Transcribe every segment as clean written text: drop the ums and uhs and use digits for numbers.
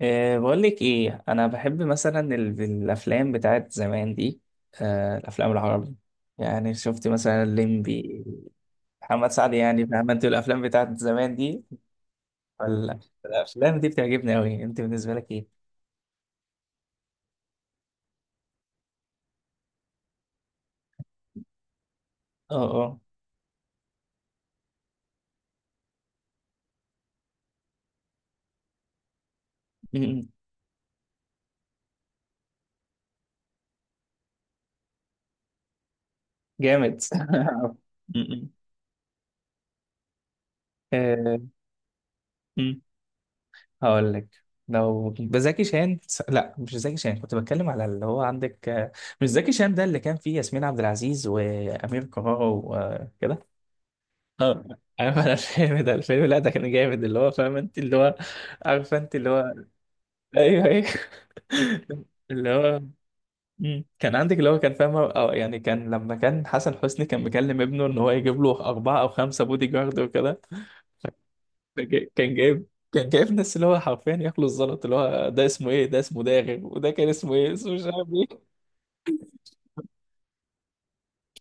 بقول لك ايه، انا بحب مثلا الافلام بتاعت زمان دي. الافلام العربي، يعني شفت مثلا الليمبي محمد سعد. يعني فاهم انت الافلام بتاعت زمان دي ولا؟ الافلام دي بتعجبني قوي، انت بالنسبه لك ايه؟ اه. اه. م-م. جامد م-م. أه م. هقول لك، لو بزكي شان، لا مش زكي شان، كنت بتكلم على اللي هو عندك، مش زكي شان ده اللي كان فيه ياسمين عبد العزيز وامير كرارة وكده. اه، عارف انا الفيلم ده، الفيلم لا ده كان جامد، اللي هو فاهم انت، اللي هو عارفه انت اللي هو. ايوه ايوه اللي هو كان عندك اللي هو كان فاهم، أو يعني كان لما كان حسن حسني كان مكلم ابنه ان هو يجيب له اربعه او خمسه بودي جارد وكده. كان جايب، كان جايب ناس اللي هو حرفيا ياكلوا الزلط. اللي هو ده اسمه ايه؟ ده اسمه داغر، وده كان اسمه ايه؟ اسمه مش عارف.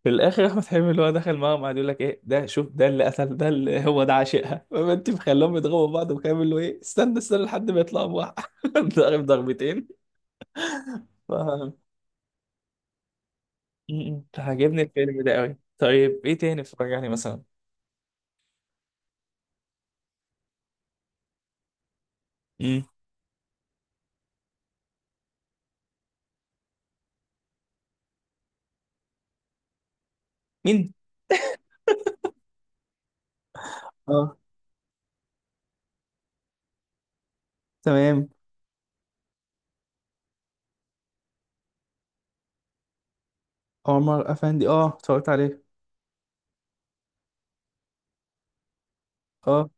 في الاخر احمد حلمي اللي هو دخل معاهم، قعد يقول لك: ايه ده؟ شوف ده اللي قتل ده، اللي هو ده عاشقها، فما انت مخليهم يضربوا بعض؟ وكامل اللي هو ايه، استنى استنى لحد ما يطلعوا بواحد. ضارب ضربتين. ف م- عاجبني الفيلم ده قوي. طيب ايه تاني اتفرج عليه مثلا؟ م. مين؟ اه، فاهم. عمر افندي، اه اتفرجت عليه. اه.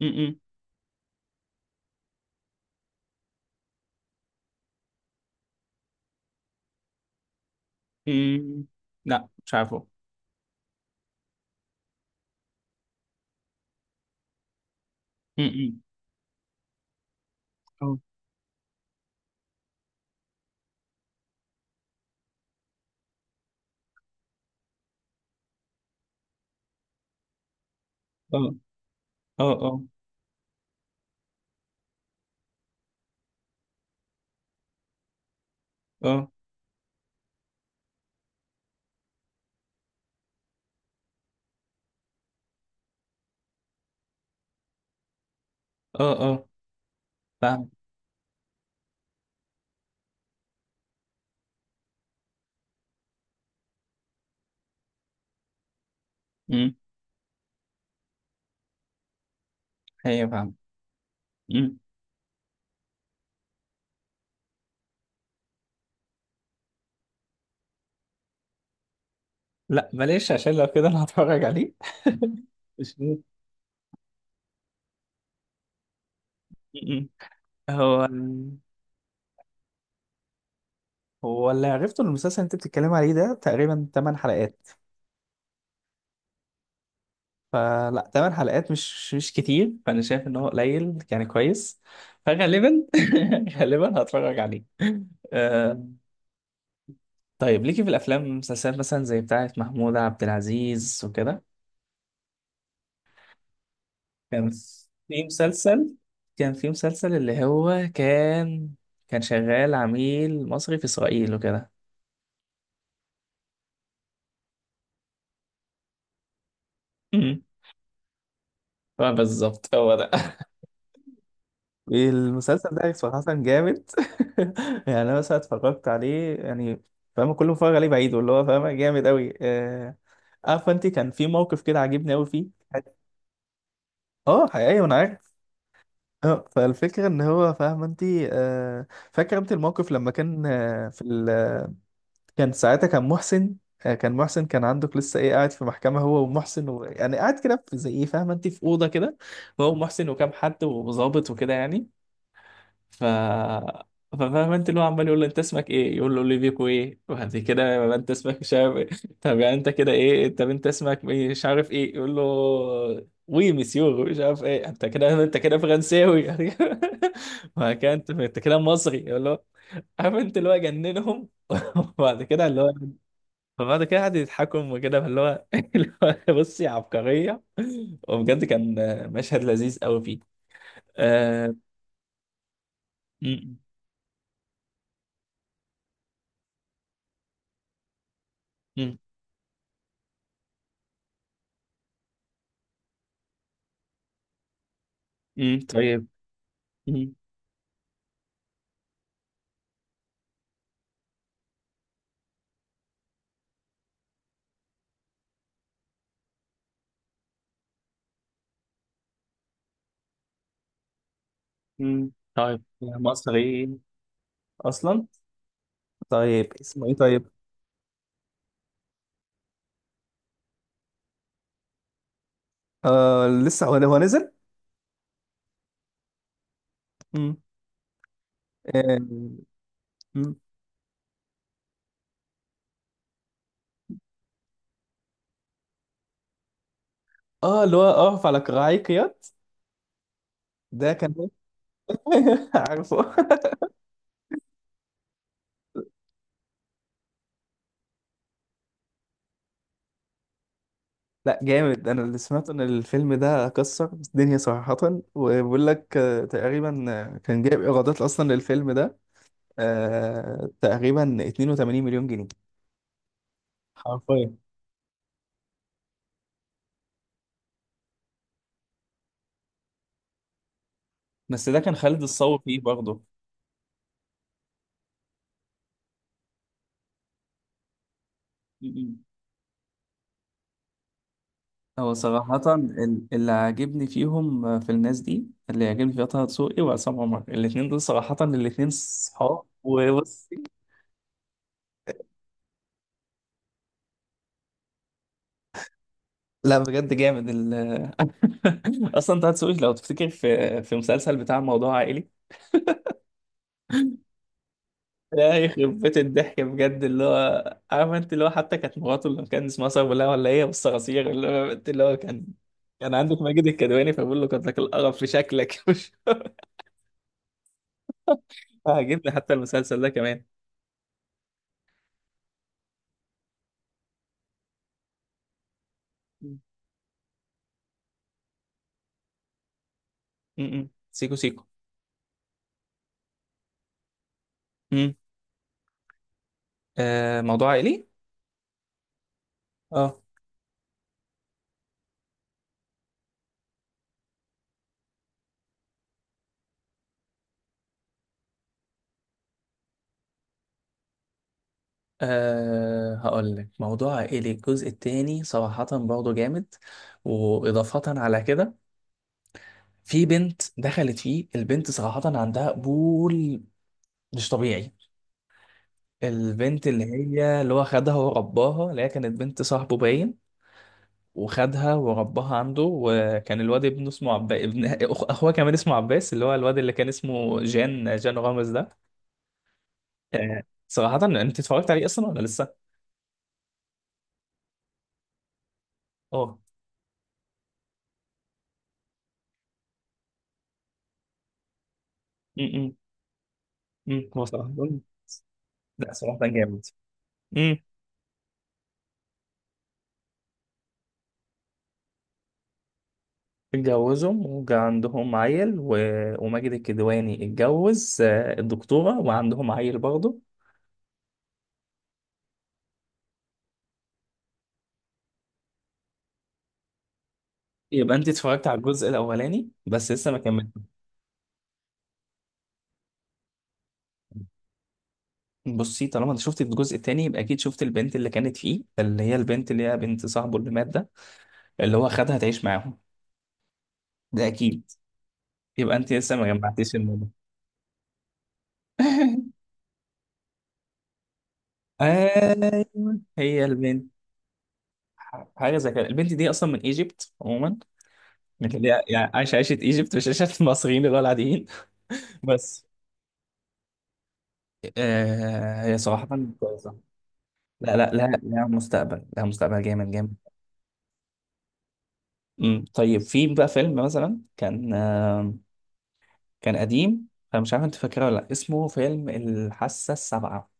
م- م. م. لا مش عارفه. م- م. اه. اه اه. اه اه. اه. اه، فاهم. امم. ايوه فاهم. امم. لا بلاش، عشان لو كده انا هتفرج عليه. اسمه م-م. هو. هو اللي عرفته إن المسلسل اللي انت بتتكلم عليه ده تقريبا 8 حلقات. فلا، 8 حلقات مش كتير، فانا شايف ان هو قليل يعني، كويس. فغالبا غالبا هتفرج عليه. آه. طيب ليكي في الافلام والمسلسلات مثلا زي بتاعه محمود عبد العزيز وكده؟ كان في مسلسل، كان في مسلسل اللي هو كان كان شغال عميل مصري في اسرائيل وكده. م. بالظبط هو ده المسلسل ده صراحة جامد. يعني أنا مثلا اتفرجت عليه يعني، فاهم؟ كل ما اتفرج عليه بعيده اللي هو فاهم، جامد أوي. عارفة أنت كان في موقف كده عاجبني أوي فيه. أه حقيقي، وأنا عارف. فالفكرة إن هو فاهم أنت، آه، فاكر أنت الموقف لما كان، كان ساعتها كان محسن، كان محسن، كان عندك لسه إيه، قاعد في محكمة هو ومحسن، يعني قاعد كده في زي إيه، فاهم أنت، في أوضة كده، هو ومحسن وكام حد وظابط وكده يعني. ف ففاهم انت، اللي هو عمال يقول له: انت اسمك ايه؟ يقول له: اوليفيكو ايه. وبعد كده يبقى انت اسمك مش عارف ايه طب يعني انت كده ايه؟ طب انت اسمك مش عارف ايه؟ يقول له: وي مسيو مش عارف ايه. انت كده، انت كده فرنساوي يعني. وهكذا، انت كده مصري يقول له. عارف انت، اللي هو جننهم وبعد كده اللي هو، فبعد كده قعدوا يضحكوا وكده، فاللي هو اللي هو بصي عبقرية. وبجد كان مشهد لذيذ قوي فيه. آه... م- م- طيب. طيب مصر ايه اصلا؟ طيب اسمه ايه طيب؟ آه، لسه، هو هو نزل. مم. اه. مم. اللي هو اقف على كراعي قياد، ده كان هو. عارفه. لا جامد، انا اللي سمعت ان الفيلم ده كسر الدنيا صراحة. وبيقول لك تقريبا، كان جايب ايرادات اصلا للفيلم ده آه تقريبا 82 مليون جنيه حرفيا. بس ده كان خالد الصاوي فيه برضه. هو صراحة اللي عاجبني فيهم، في الناس دي اللي عاجبني فيها طه دسوقي وعصام عمر، الاتنين دول صراحة الاتنين صحاب وبص. لا بجد جامد أصلا طه دسوقي لو تفتكر في مسلسل بتاع موضوع عائلي، يا يخرب بيت الضحك بجد. اللي هو عارف انت، اللي هو حتى كانت مراته اللي كان اسمها صغيرة ولا هي بس صراصير. اللي هو انت اللي هو كان، كان عندك ماجد الكدواني، فبقول له: قد لك القرف في شكلك مش عاجبني؟ حتى المسلسل ده كمان. م- م. سيكو سيكو. م. آه، موضوع عائلي. اه. أه، هقول لك، موضوع عائلي الجزء التاني صراحة برضه جامد. وإضافة على كده، في بنت دخلت فيه، البنت صراحة عندها قبول مش طبيعي. البنت اللي هي اللي هو خدها ورباها، اللي هي كانت بنت صاحبه باين، وخدها ورباها عنده. وكان الواد ابنه اسمه عباس، ابن اخوه كمان اسمه عباس، اللي هو الواد اللي كان اسمه جان، جان رامز ده. أه. صراحة انت اتفرجت عليه اصلا ولا لسه؟ اه. م- م- م. هو صراحة، لا صلاح ده جامد. امم. اتجوزوا وجا عندهم عيل وماجد الكدواني اتجوز الدكتورة وعندهم عيل برضه. يبقى انت اتفرجت على الجزء الاولاني بس لسه ما كملت؟ بصي، طالما انت شفت الجزء التاني يبقى اكيد شفت البنت اللي كانت فيه، اللي هي البنت اللي هي بنت صاحبه اللي مات ده، اللي هو خدها تعيش معاهم، ده اكيد. يبقى انت لسه ما جمعتيش الموضوع. ايوه هي البنت. حاجه زي كده. البنت دي اصلا من ايجيبت عموما، من اللي هي يعني عايشه عيشه ايجيبت مش عيشه المصريين اللي هو العاديين. بس آه، هي صراحة كويسة. لا مستقبل، لا مستقبل جامد جامد. أمم، طيب في بقى فيلم مثلا كان آه، كان قديم، انا مش عارف انت فاكره ولا لا، اسمه فيلم الحاسة السابعة.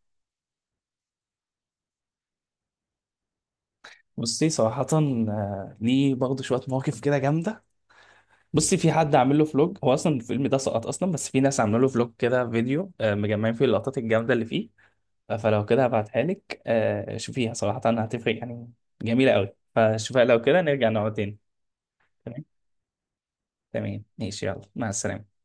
بصي صراحة آه ليه برضه شوية مواقف كده جامدة. بصي، في حد عامل له فلوج. هو اصلا الفيلم ده سقط اصلا، بس في ناس عامله له فلوج كده، فيديو آه مجمعين فيه اللقطات الجامدة اللي فيه. فلو كده هبعتها لك، آه شوفيها صراحة هتفرق يعني. جميلة قوي، فشوفها. لو كده نرجع نقعد تاني. تمام. تمام ماشي، يلا مع السلامة.